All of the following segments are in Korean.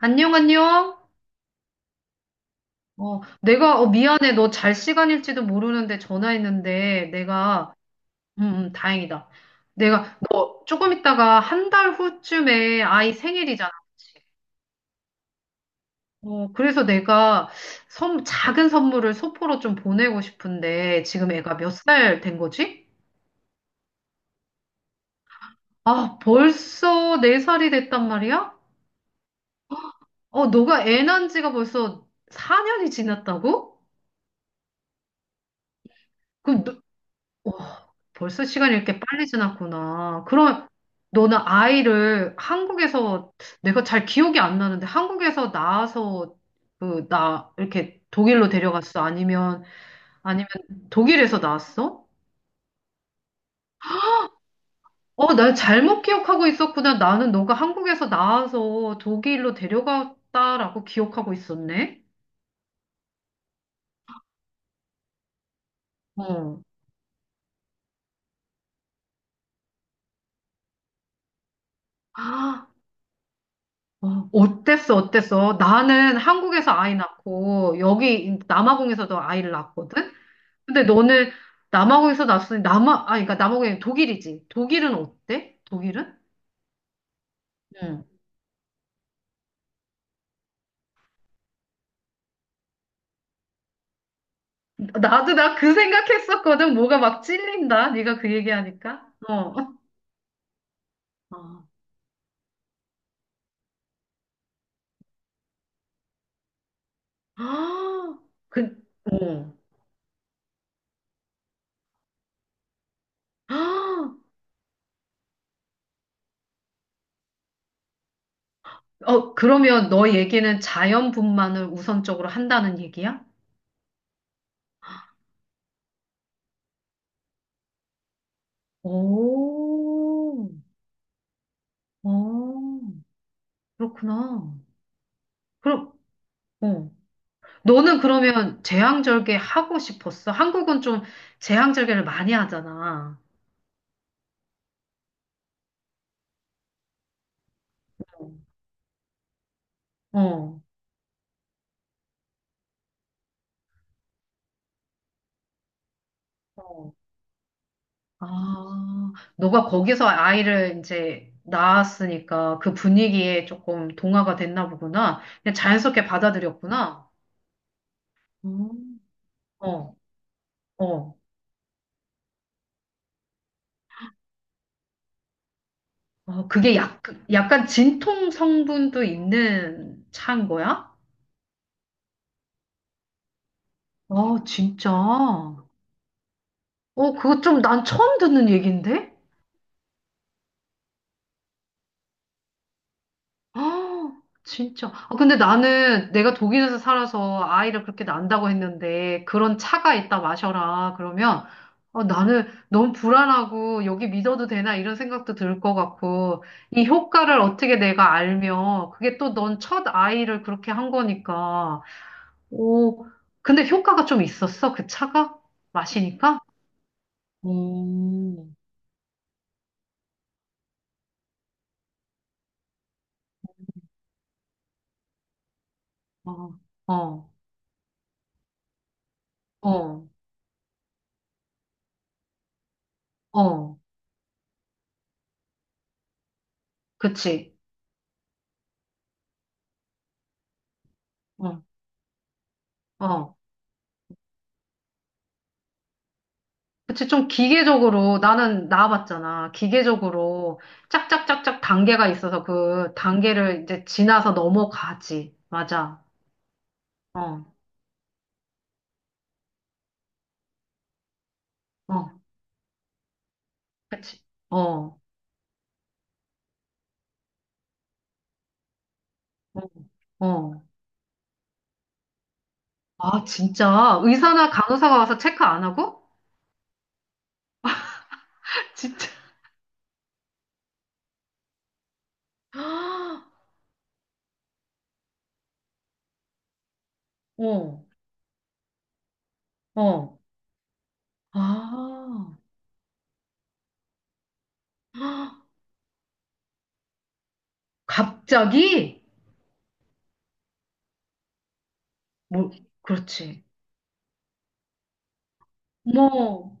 안녕, 안녕. 미안해. 너 잘 시간일지도 모르는데 전화했는데. 다행이다. 너 조금 있다가 한 달 후쯤에 아이 생일이잖아. 그치? 그래서 내가 작은 선물을 소포로 좀 보내고 싶은데, 지금 애가 몇 살 된 거지? 아, 벌써 네살이 됐단 말이야? 너가 애 낳은 지가 벌써 4년이 지났다고? 그럼 어, 벌써 시간이 이렇게 빨리 지났구나. 그럼 너는 아이를 한국에서 내가 잘 기억이 안 나는데 한국에서 낳아서 그 나 이렇게 독일로 데려갔어? 아니면 아니면 독일에서 낳았어? 나 잘못 기억하고 있었구나. 나는 너가 한국에서 낳아서 독일로 데려갔다라고 기억하고 있었네. 어. 아, 어땠어? 어땠어? 나는 한국에서 아이 낳고 여기 남아공에서도 아이를 낳았거든. 근데 너는 남아공에서 났으니 남아 아 그러니까 남아공이 독일이지. 독일은 어때? 독일은? 응. 나도 나 그 생각했었거든. 뭐가 막 찔린다. 네가 그 얘기하니까. 어. 아, 아, 그, 어. 아, 그러면 너 얘기는 자연분만을 우선적으로 한다는 얘기야? 오, 어, 그렇구나. 그럼, 어. 너는 그러면 제왕절개 하고 싶었어? 한국은 좀 제왕절개를 많이 하잖아. 어. 어. 아, 너가 거기서 아이를 이제 낳았으니까 그 분위기에 조금 동화가 됐나 보구나. 그냥 자연스럽게 받아들였구나. 음. 어, 어. 그게 약간 진통 성분도 있는 차인 거야? 진짜. 그거 좀 난 처음 듣는 얘긴데? 아, 진짜. 아, 근데 나는 내가 독일에서 살아서 아이를 그렇게 낳는다고 했는데 그런 차가 있다 마셔라. 그러면 나는 너무 불안하고 여기 믿어도 되나 이런 생각도 들 것 같고 이 효과를 어떻게 내가 알면 그게 또 넌 첫 아이를 그렇게 한 거니까. 오, 근데 효과가 좀 있었어? 그 차가? 마시니까? 오 어, 어, 어, 어, 그치. 어, 어. 그치, 좀 기계적으로, 나는 나와봤잖아. 기계적으로 짝짝짝짝 단계가 있어서 그 단계를 이제 지나서 넘어가지. 맞아. 어, 어, 그치. 어, 어, 어. 아, 진짜? 의사나 간호사가 와서 체크 안 하고? 진짜. 어, 어. 아, 갑자기? 뭐, 그렇지. 뭐,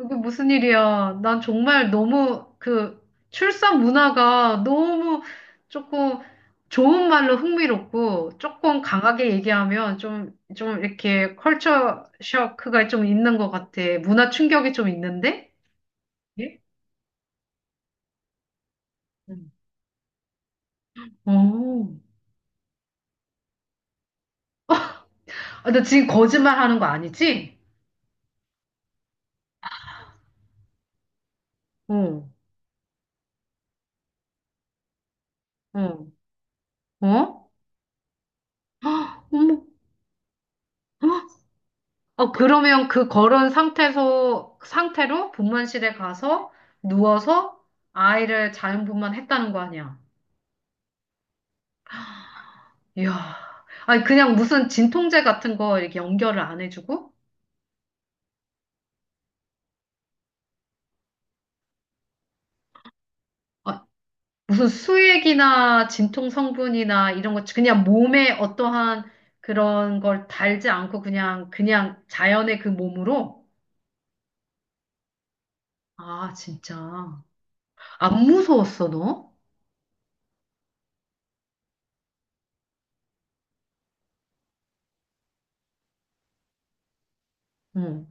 이게 무슨 일이야? 난 정말 너무 그 출산 문화가 너무 조금 좋은 말로 흥미롭고 조금 강하게 얘기하면 좀 이렇게 컬처 쇼크가 좀 있는 것 같아. 문화 충격이 좀 있는데? 예? 음. 어. 아, 나 지금 거짓말 하는 거 아니지? 어, 어, 어? 어머. 그러면 그 걸은 상태로 분만실에 가서 누워서 아이를 자연분만했다는 거 아니야. 이야. 아니, 그냥 무슨 진통제 같은 거 이렇게 연결을 안 해주고, 아, 무슨 수액이나 진통 성분이나 이런 거, 그냥 몸에 어떠한 그런 걸 달지 않고 그냥 자연의 그 몸으로? 아, 진짜. 안 무서웠어, 너? 응.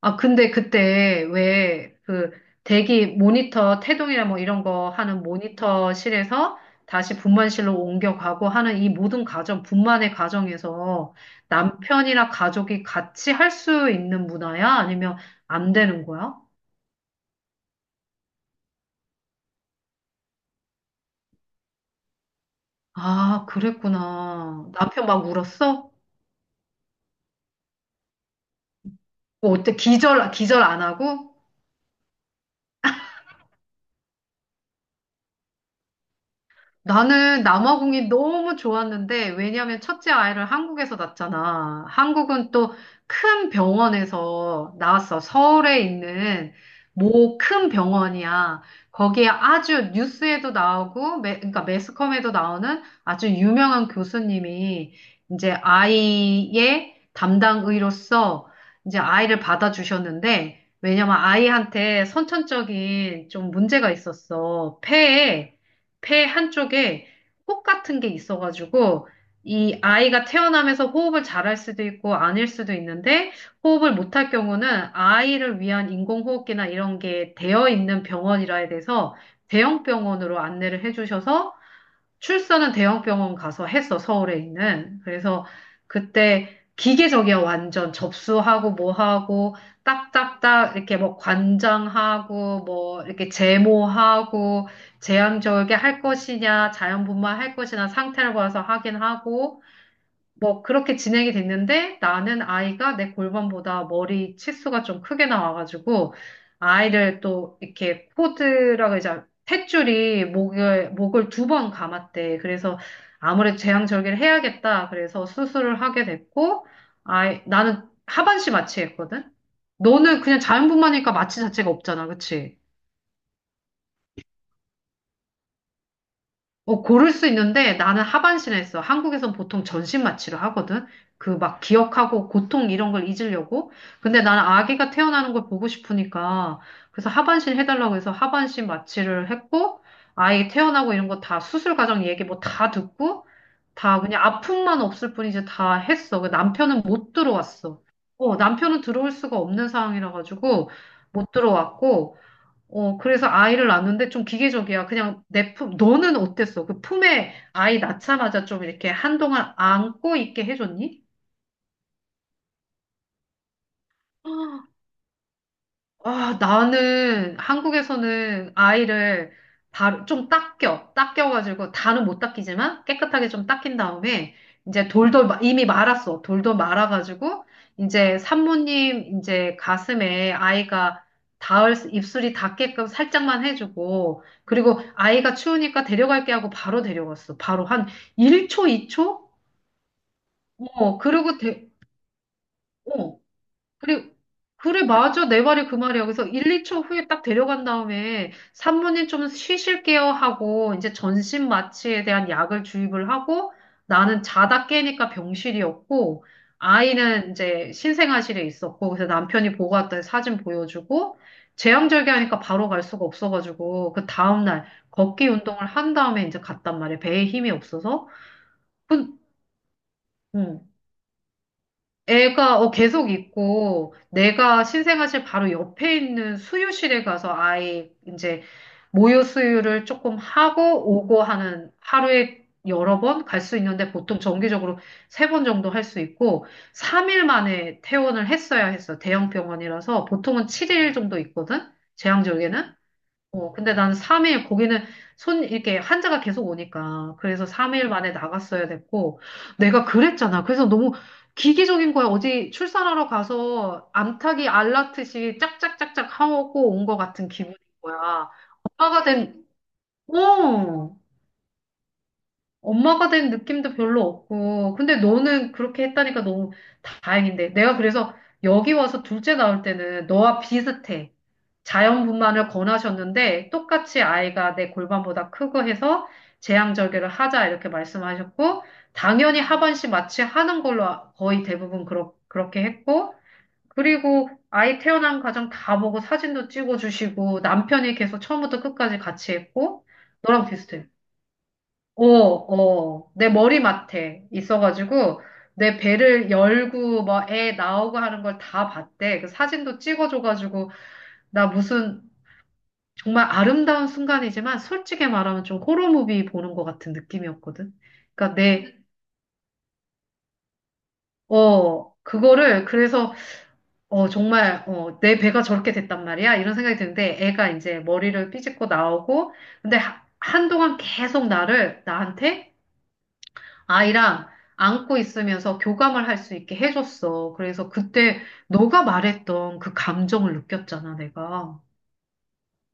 아, 근데 그때 왜 그 대기 모니터, 태동이나 뭐 이런 거 하는 모니터실에서 다시 분만실로 옮겨가고 하는 이 모든 과정, 분만의 과정에서 남편이나 가족이 같이 할 수 있는 문화야? 아니면 안 되는 거야? 아, 그랬구나. 남편 막 울었어? 뭐 어때? 기절, 안 하고? 나는 남아공이 너무 좋았는데, 왜냐면 첫째 아이를 한국에서 낳잖아. 한국은 또 큰 병원에서 낳았어. 서울에 있는 모 큰 병원이야. 거기에 아주 뉴스에도 나오고, 그러니까 매스컴에도 나오는 아주 유명한 교수님이 이제 아이의 담당 의로서 이제 아이를 받아주셨는데, 왜냐면 아이한테 선천적인 좀 문제가 있었어. 폐에 폐 한쪽에 혹 같은 게 있어가지고 이 아이가 태어나면서 호흡을 잘 할 수도 있고 아닐 수도 있는데 호흡을 못 할 경우는 아이를 위한 인공호흡기나 이런 게 되어 있는 병원이라 해서 대형 병원으로 안내를 해주셔서 출산은 대형 병원 가서 했어, 서울에 있는. 그래서 그때 기계적이야, 완전. 접수하고, 뭐 하고, 딱딱딱, 이렇게 뭐 관장하고, 뭐, 이렇게 제모하고, 제왕절개 할 것이냐, 자연분만 할 것이냐, 상태를 봐서 하긴 하고, 뭐 그렇게 진행이 됐는데 나는 아이가 내 골반보다 머리 치수가 좀 크게 나와가지고 아이를 또 이렇게 코드라고 이제 탯줄이 목을 2번 감았대. 그래서 아무래도 재앙절개를 해야겠다. 그래서 수술을 하게 됐고 아이 나는 하반신 마취했거든. 너는 그냥 자연분만이니까 마취 자체가 없잖아, 그치? 고를 수 있는데 나는 하반신에 했어. 한국에선 보통 전신 마취를 하거든. 그 막 기억하고 고통 이런 걸 잊으려고. 근데 나는 아기가 태어나는 걸 보고 싶으니까 그래서 하반신 해달라고 해서 하반신 마취를 했고 아이 태어나고 이런 거 다 수술 과정 얘기 뭐 다 듣고 다 그냥 아픔만 없을 뿐이지 다 했어. 그 남편은 못 들어왔어. 남편은 들어올 수가 없는 상황이라 가지고 못 들어왔고 그래서 아이를 낳는데 좀 기계적이야. 너는 어땠어? 그 품에 아이 낳자마자 좀 이렇게 한동안 안고 있게 해줬니? 아, 나는 한국에서는 아이를 바로 좀 닦여가지고 다는 못 닦이지만 깨끗하게 좀 닦인 다음에 이제 돌돌 이미 말았어. 돌돌 말아가지고 이제 산모님 이제 가슴에 아이가 입술이 닿게끔 살짝만 해주고 그리고 아이가 추우니까 데려갈게 하고 바로 데려갔어. 바로 한 1초, 2초? 어, 그러고 데, 어, 그래, 그래, 맞아. 내 말이 그 말이야. 그래서 1, 2초 후에 딱 데려간 다음에 산모님 좀 쉬실게요 하고 이제 전신 마취에 대한 약을 주입을 하고 나는 자다 깨니까 병실이었고 아이는 이제 신생아실에 있었고 그래서 남편이 보고 왔더니 사진 보여주고 재앙절개하니까 바로 갈 수가 없어가지고 그 다음날 걷기 운동을 한 다음에 이제 갔단 말이야. 배에 힘이 없어서. 그, 응. 애가 계속 있고 내가 신생아실 바로 옆에 있는 수유실에 가서 아이 이제 모유 수유를 조금 하고 오고 하는 하루에 여러 번 갈 수 있는데 보통 정기적으로 3번 정도 할 수 있고 3일 만에 퇴원을 했어야 했어. 대형 병원이라서 보통은 7일 정도 있거든. 제한적에는. 근데 난 3일, 거기는 이렇게 환자가 계속 오니까. 그래서 3일 만에 나갔어야 됐고. 내가 그랬잖아. 그래서 너무 기기적인 거야. 어디 출산하러 가서 암탉이 알라듯이 짝짝짝짝 하고 온 것 같은 기분인 거야. 엄마가 된, 어! 엄마가 된 느낌도 별로 없고. 근데 너는 그렇게 했다니까 너무 다행인데. 내가 그래서 여기 와서 둘째 낳을 때는 너와 비슷해. 자연분만을 권하셨는데 똑같이 아이가 내 골반보다 크고 해서 제왕절개를 하자 이렇게 말씀하셨고 당연히 하반신 마취 하는 걸로 거의 대부분 그렇게 했고 그리고 아이 태어난 과정 다 보고 사진도 찍어주시고 남편이 계속 처음부터 끝까지 같이 했고 너랑 비슷해. 내 머리맡에 있어가지고 내 배를 열고 막 애 나오고 하는 걸 다 봤대. 그 사진도 찍어줘가지고 나 무슨 정말 아름다운 순간이지만 솔직히 말하면 좀 호러무비 보는 것 같은 느낌이었거든. 그러니까 그거를 그래서 정말 내 배가 저렇게 됐단 말이야. 이런 생각이 드는데 애가 이제 머리를 삐집고 나오고 근데 한동안 계속 나를 나한테 아이랑 안고 있으면서 교감을 할 수 있게 해줬어. 그래서 그때 너가 말했던 그 감정을 느꼈잖아, 내가.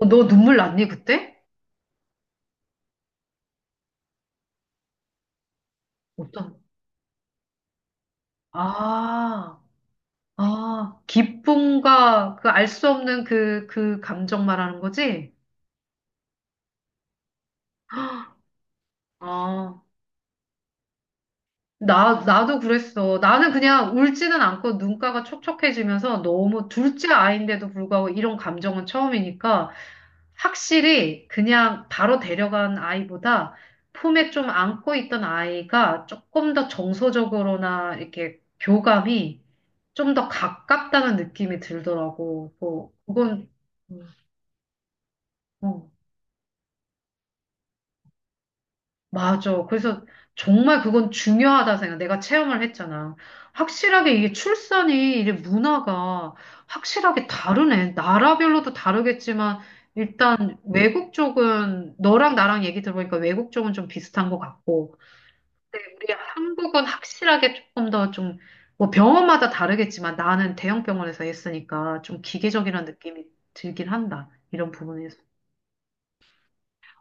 너 눈물 났니, 그때? 어떤? 아, 기쁨과 그 알 수 없는 그 감정 말하는 거지? 아, 나도 그랬어. 나는 그냥 울지는 않고 눈가가 촉촉해지면서 너무 둘째 아이인데도 불구하고 이런 감정은 처음이니까 확실히 그냥 바로 데려간 아이보다 품에 좀 안고 있던 아이가 조금 더 정서적으로나 이렇게 교감이 좀 더 가깝다는 느낌이 들더라고. 뭐, 그건, 음, 어. 맞아. 그래서 정말 그건 중요하다 생각. 내가 체험을 했잖아. 확실하게 이게 출산이 이게 문화가 확실하게 다르네. 나라별로도 다르겠지만 일단 외국 쪽은 너랑 나랑 얘기 들어보니까 외국 쪽은 좀 비슷한 것 같고. 근데 우리 한국은 확실하게 조금 더 좀 뭐 병원마다 다르겠지만 나는 대형 병원에서 했으니까 좀 기계적이라는 느낌이 들긴 한다. 이런 부분에서.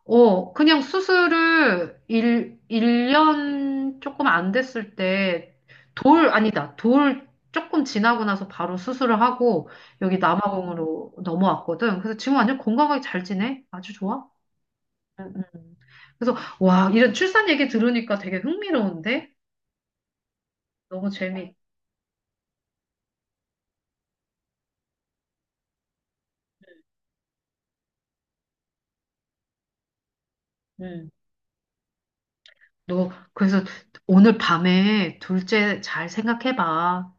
그냥 수술을 일 1년 조금 안 됐을 때, 돌, 아니다, 돌 조금 지나고 나서 바로 수술을 하고, 여기 남아공으로 넘어왔거든. 그래서 지금 완전 건강하게 잘 지내? 아주 좋아? 응, 응. 그래서, 와, 이런 출산 얘기 들으니까 되게 흥미로운데? 너무 재미, 응. 그래서 오늘 밤에 둘째 잘 생각해봐.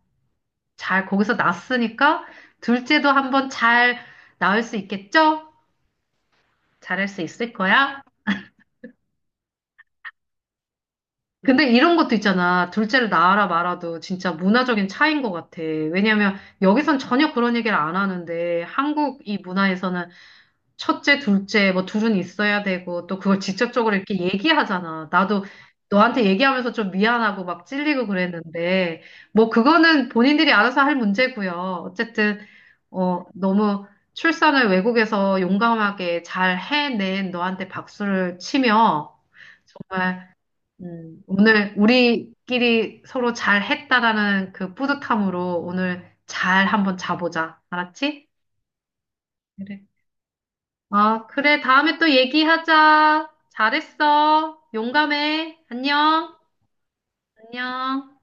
거기서 낳았으니까, 둘째도 한번 잘 낳을 수 있겠죠? 잘할 수 있을 거야? 근데 이런 것도 있잖아. 둘째를 낳아라 말아도 진짜 문화적인 차이인 것 같아. 왜냐면 여기선 전혀 그런 얘기를 안 하는데 한국 이 문화에서는 첫째, 둘째 뭐 둘은 있어야 되고 또 그걸 직접적으로 이렇게 얘기하잖아. 나도 너한테 얘기하면서 좀 미안하고 막 찔리고 그랬는데 뭐 그거는 본인들이 알아서 할 문제고요. 어쨌든 너무 출산을 외국에서 용감하게 잘 해낸 너한테 박수를 치며 오늘 우리끼리 서로 잘 했다라는 그 뿌듯함으로 오늘 잘 한번 자보자. 알았지? 그래. 아, 그래. 다음에 또 얘기하자. 잘했어. 용감해. 안녕. 안녕.